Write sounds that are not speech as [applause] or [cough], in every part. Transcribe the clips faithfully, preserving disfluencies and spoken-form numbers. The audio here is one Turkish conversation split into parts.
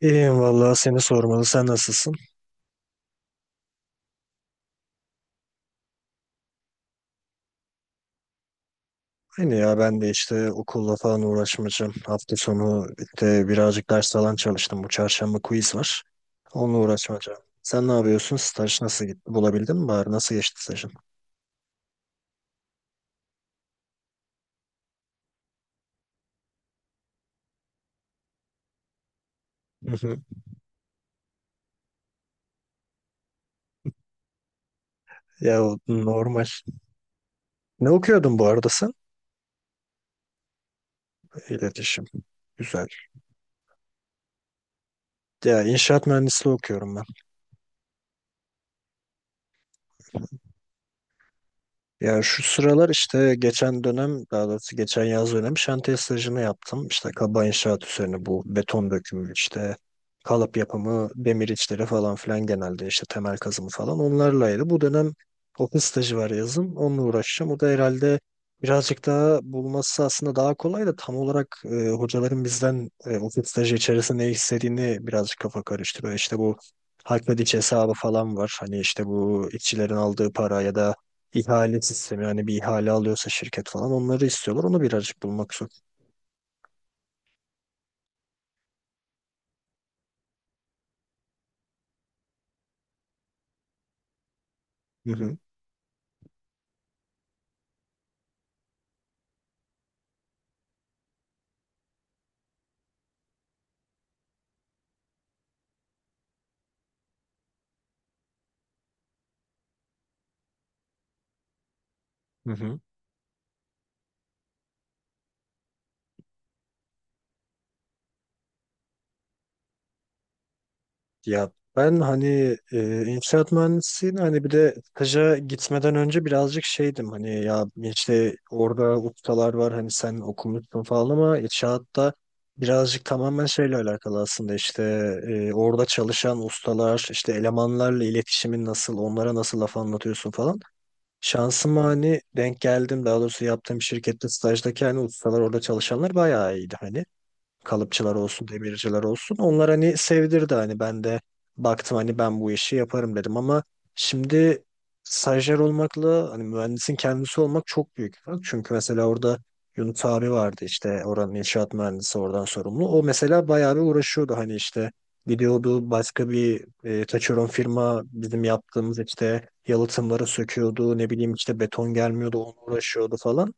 İyiyim vallahi seni sormalı. Sen nasılsın? Aynı ya ben de işte okulla falan uğraşmayacağım. Hafta sonu işte birazcık ders falan çalıştım. Bu çarşamba quiz var. Onunla uğraşmayacağım. Sen ne yapıyorsun? Staj nasıl gitti? Bulabildin mi bari? Nasıl geçti stajın? Hı hı. Ya o normal. Ne okuyordun bu arada sen? İletişim. Güzel. Ya inşaat mühendisliği okuyorum. Ya şu sıralar işte geçen dönem daha doğrusu geçen yaz dönem şantiye stajını yaptım. İşte kaba inşaat üzerine bu beton dökümü işte kalıp yapımı, demir içleri falan filan genelde işte temel kazımı falan onlarlaydı. Bu dönem ofis stajı var yazın onunla uğraşacağım. O da herhalde birazcık daha bulması aslında daha kolay da tam olarak e, hocaların bizden e, ofis stajı içerisinde ne istediğini birazcık kafa karıştırıyor. İşte bu Halk ve Diç hesabı falan var. Hani işte bu işçilerin aldığı para ya da İhale sistemi yani bir ihale alıyorsa şirket falan onları istiyorlar. Onu birazcık bulmak zor. Hı hı. Hı hı. Ya ben hani e, inşaat mühendisliğini hani bir de staja gitmeden önce birazcık şeydim hani ya işte orada ustalar var hani sen okumuşsun falan ama inşaatta birazcık tamamen şeyle alakalı aslında işte e, orada çalışan ustalar işte elemanlarla iletişimin nasıl onlara nasıl laf anlatıyorsun falan. Şansıma hani denk geldim daha doğrusu yaptığım şirkette stajdaki hani ustalar orada çalışanlar bayağı iyiydi hani kalıpçılar olsun, demirciler olsun. Onlar hani sevdirdi hani ben de baktım hani ben bu işi yaparım dedim ama şimdi stajyer olmakla hani mühendisin kendisi olmak çok büyük bir fark. Çünkü mesela orada Yunus abi vardı işte oranın inşaat mühendisi oradan sorumlu. O mesela bayağı bir uğraşıyordu hani işte gidiyordu başka bir e, taşeron firma bizim yaptığımız işte yalıtımları söküyordu ne bileyim işte beton gelmiyordu onu uğraşıyordu falan.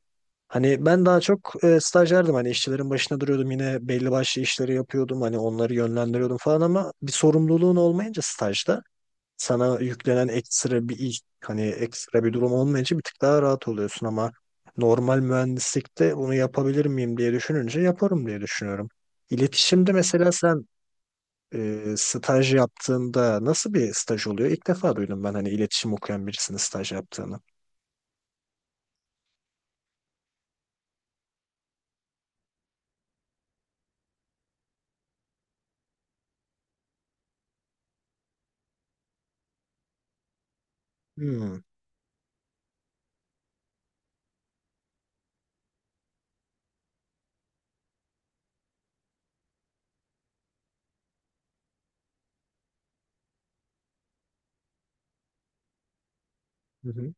Hani ben daha çok e, stajyerdim hani işçilerin başına duruyordum yine belli başlı işleri yapıyordum hani onları yönlendiriyordum falan ama bir sorumluluğun olmayınca stajda sana yüklenen ekstra bir iş hani ekstra bir durum olmayınca bir tık daha rahat oluyorsun ama normal mühendislikte bunu yapabilir miyim diye düşününce yaparım diye düşünüyorum. İletişimde mesela sen e, staj yaptığında nasıl bir staj oluyor? İlk defa duydum ben hani iletişim okuyan birisinin staj yaptığını. Hmm. Hı hı.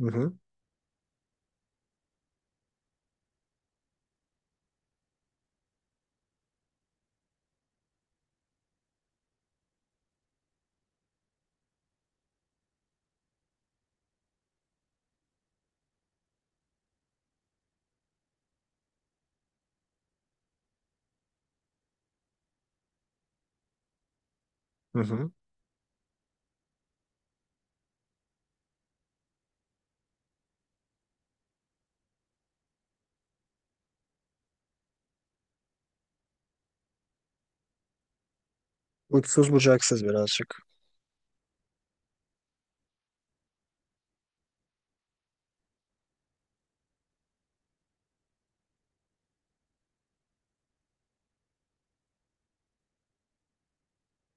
Hı hı. Hı hı. Uçsuz bucaksız birazcık.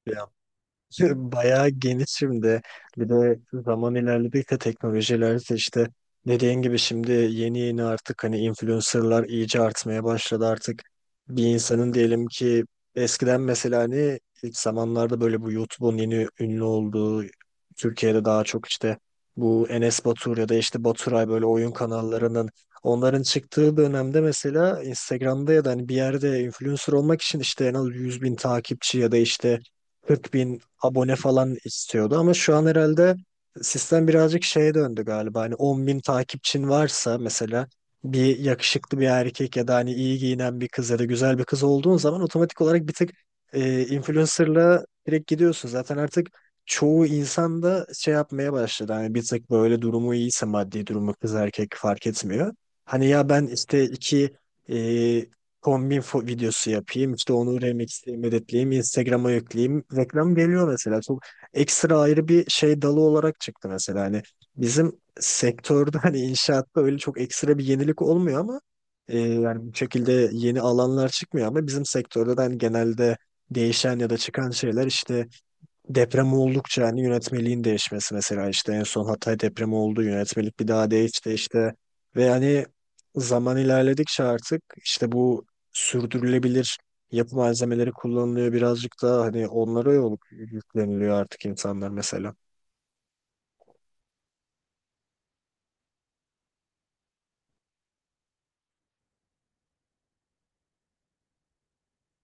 bir. [laughs] Bayağı geniş şimdi. Bir de zaman ilerledikçe teknolojiler de işte dediğin gibi şimdi yeni yeni artık hani influencerlar iyice artmaya başladı artık. Bir insanın diyelim ki eskiden mesela hani ilk zamanlarda böyle bu YouTube'un yeni ünlü olduğu Türkiye'de daha çok işte bu Enes Batur ya da işte Baturay böyle oyun kanallarının onların çıktığı dönemde mesela Instagram'da ya da hani bir yerde influencer olmak için işte en az yüz bin takipçi ya da işte kırk bin abone falan istiyordu ama şu an herhalde sistem birazcık şeye döndü galiba. Hani on bin takipçin varsa mesela bir yakışıklı bir erkek ya da hani iyi giyinen bir kız ya da güzel bir kız olduğun zaman otomatik olarak bir tık e, influencer'la direkt gidiyorsun. Zaten artık çoğu insan da şey yapmaya başladı. Hani bir tık böyle durumu iyiyse maddi durumu kız erkek fark etmiyor. Hani ya ben işte iki e, kombin fo- videosu yapayım. İşte onu remixleyeyim, editleyeyim, Instagram'a yükleyeyim. Reklam geliyor mesela. Çok ekstra ayrı bir şey dalı olarak çıktı mesela. Hani bizim sektörde [laughs] hani inşaatta öyle çok ekstra bir yenilik olmuyor ama e, yani bu şekilde yeni alanlar çıkmıyor ama bizim sektörde de hani genelde değişen ya da çıkan şeyler işte deprem oldukça hani yönetmeliğin değişmesi mesela işte en son Hatay depremi oldu yönetmelik bir daha değişti işte ve hani zaman ilerledikçe artık işte bu sürdürülebilir yapı malzemeleri kullanılıyor birazcık da hani onlara yol yükleniliyor artık insanlar mesela.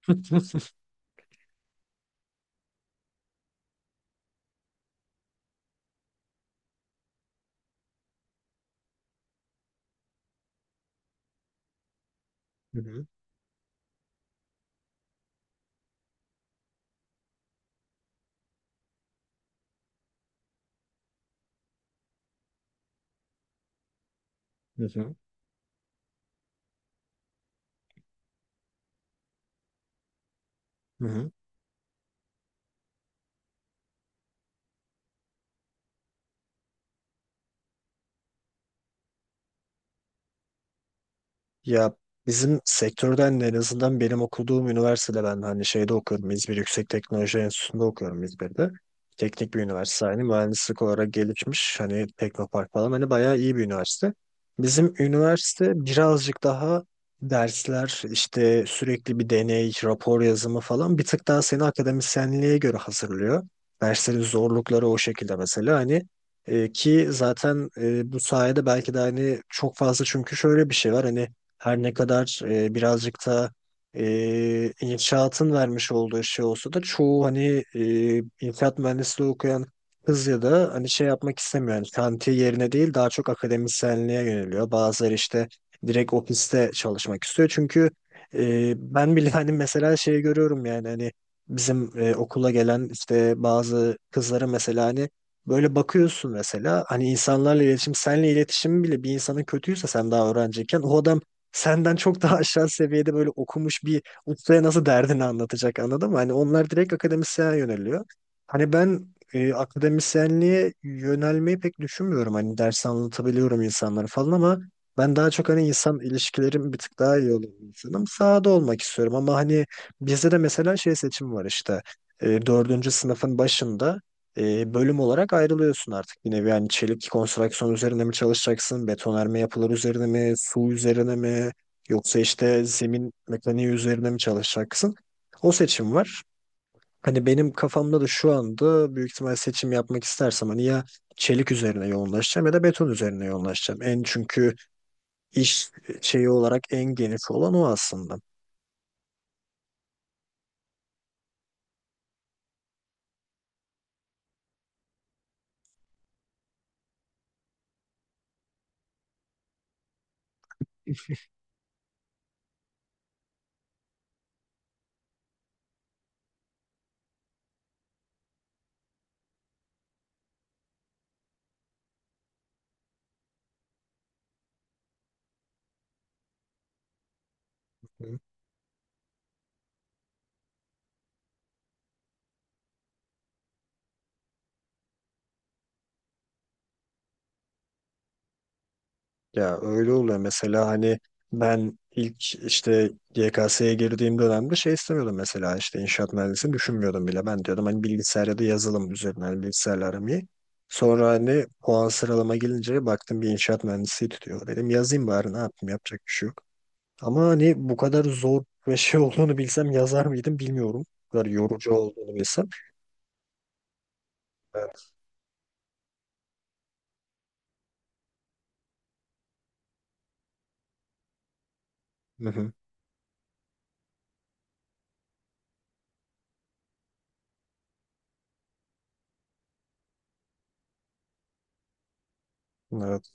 Hı hı. Hı hı. Hı hı. Ya bizim sektörden de en azından benim okuduğum üniversitede ben hani şeyde okuyorum. İzmir Yüksek Teknoloji Enstitüsü'nde okuyorum İzmir'de. Teknik bir üniversite hani mühendislik olarak gelişmiş hani Teknopark falan hani bayağı iyi bir üniversite. Bizim üniversite birazcık daha dersler işte sürekli bir deney, rapor yazımı falan bir tık daha seni akademisyenliğe göre hazırlıyor. Derslerin zorlukları o şekilde mesela hani e, ki zaten e, bu sayede belki de hani çok fazla çünkü şöyle bir şey var hani her ne kadar e, birazcık da e, inşaatın vermiş olduğu şey olsa da çoğu hani e, inşaat mühendisliği okuyan kız ya da hani şey yapmak istemiyor. Yani kanti yerine değil daha çok akademisyenliğe yöneliyor. Bazıları işte direkt ofiste çalışmak istiyor. Çünkü e, ben bile hani mesela şey görüyorum yani hani bizim e, okula gelen işte bazı kızlara mesela hani Böyle bakıyorsun mesela hani insanlarla iletişim, senle iletişim bile bir insanın kötüyse sen daha öğrenciyken o adam senden çok daha aşağı seviyede böyle okumuş bir ustaya nasıl derdini anlatacak anladın mı? Hani onlar direkt akademisyen yöneliyor. Hani ben e, akademisyenliğe yönelmeyi pek düşünmüyorum. Hani ders anlatabiliyorum insanlara falan ama ben daha çok hani insan ilişkilerim bir tık daha iyi olan bir insanım. Sahada olmak istiyorum ama hani bizde de mesela şey seçim var işte. E, dördüncü sınıfın başında e, bölüm olarak ayrılıyorsun artık bir nevi. Yani çelik konstrüksiyon üzerine mi çalışacaksın, betonarme yapılar üzerine mi, su üzerine mi, yoksa işte zemin mekaniği üzerine mi çalışacaksın? O seçim var. Hani benim kafamda da şu anda büyük ihtimal seçim yapmak istersem hani ya çelik üzerine yoğunlaşacağım ya da beton üzerine yoğunlaşacağım. En çünkü iş şeyi olarak en geniş olan o aslında. Ya öyle oluyor mesela hani ben ilk işte Y K S'ye girdiğim dönemde şey istemiyordum mesela işte inşaat mühendisini düşünmüyordum bile. Ben diyordum hani bilgisayar ya da yazılım üzerine hani bilgisayarla aram iyi. Sonra hani puan sıralama gelince baktım bir inşaat mühendisi tutuyor. Dedim yazayım bari ne yapayım yapacak bir şey yok. Ama hani bu kadar zor ve şey olduğunu bilsem yazar mıydım bilmiyorum. Bu kadar yorucu olduğunu bilsem. Evet. Hı hı. Evet.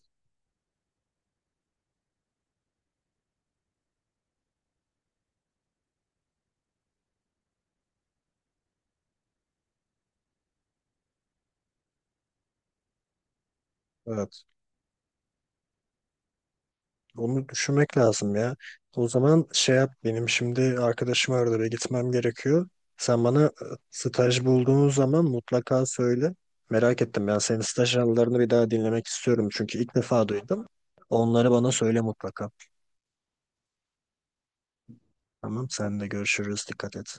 Evet. Onu düşünmek lazım ya. O zaman şey yap benim şimdi arkadaşım arada ve gitmem gerekiyor. Sen bana e, staj bulduğun zaman mutlaka söyle. Merak ettim ben senin staj anılarını bir daha dinlemek istiyorum çünkü ilk defa duydum. Onları bana söyle mutlaka. Tamam sen de görüşürüz dikkat et.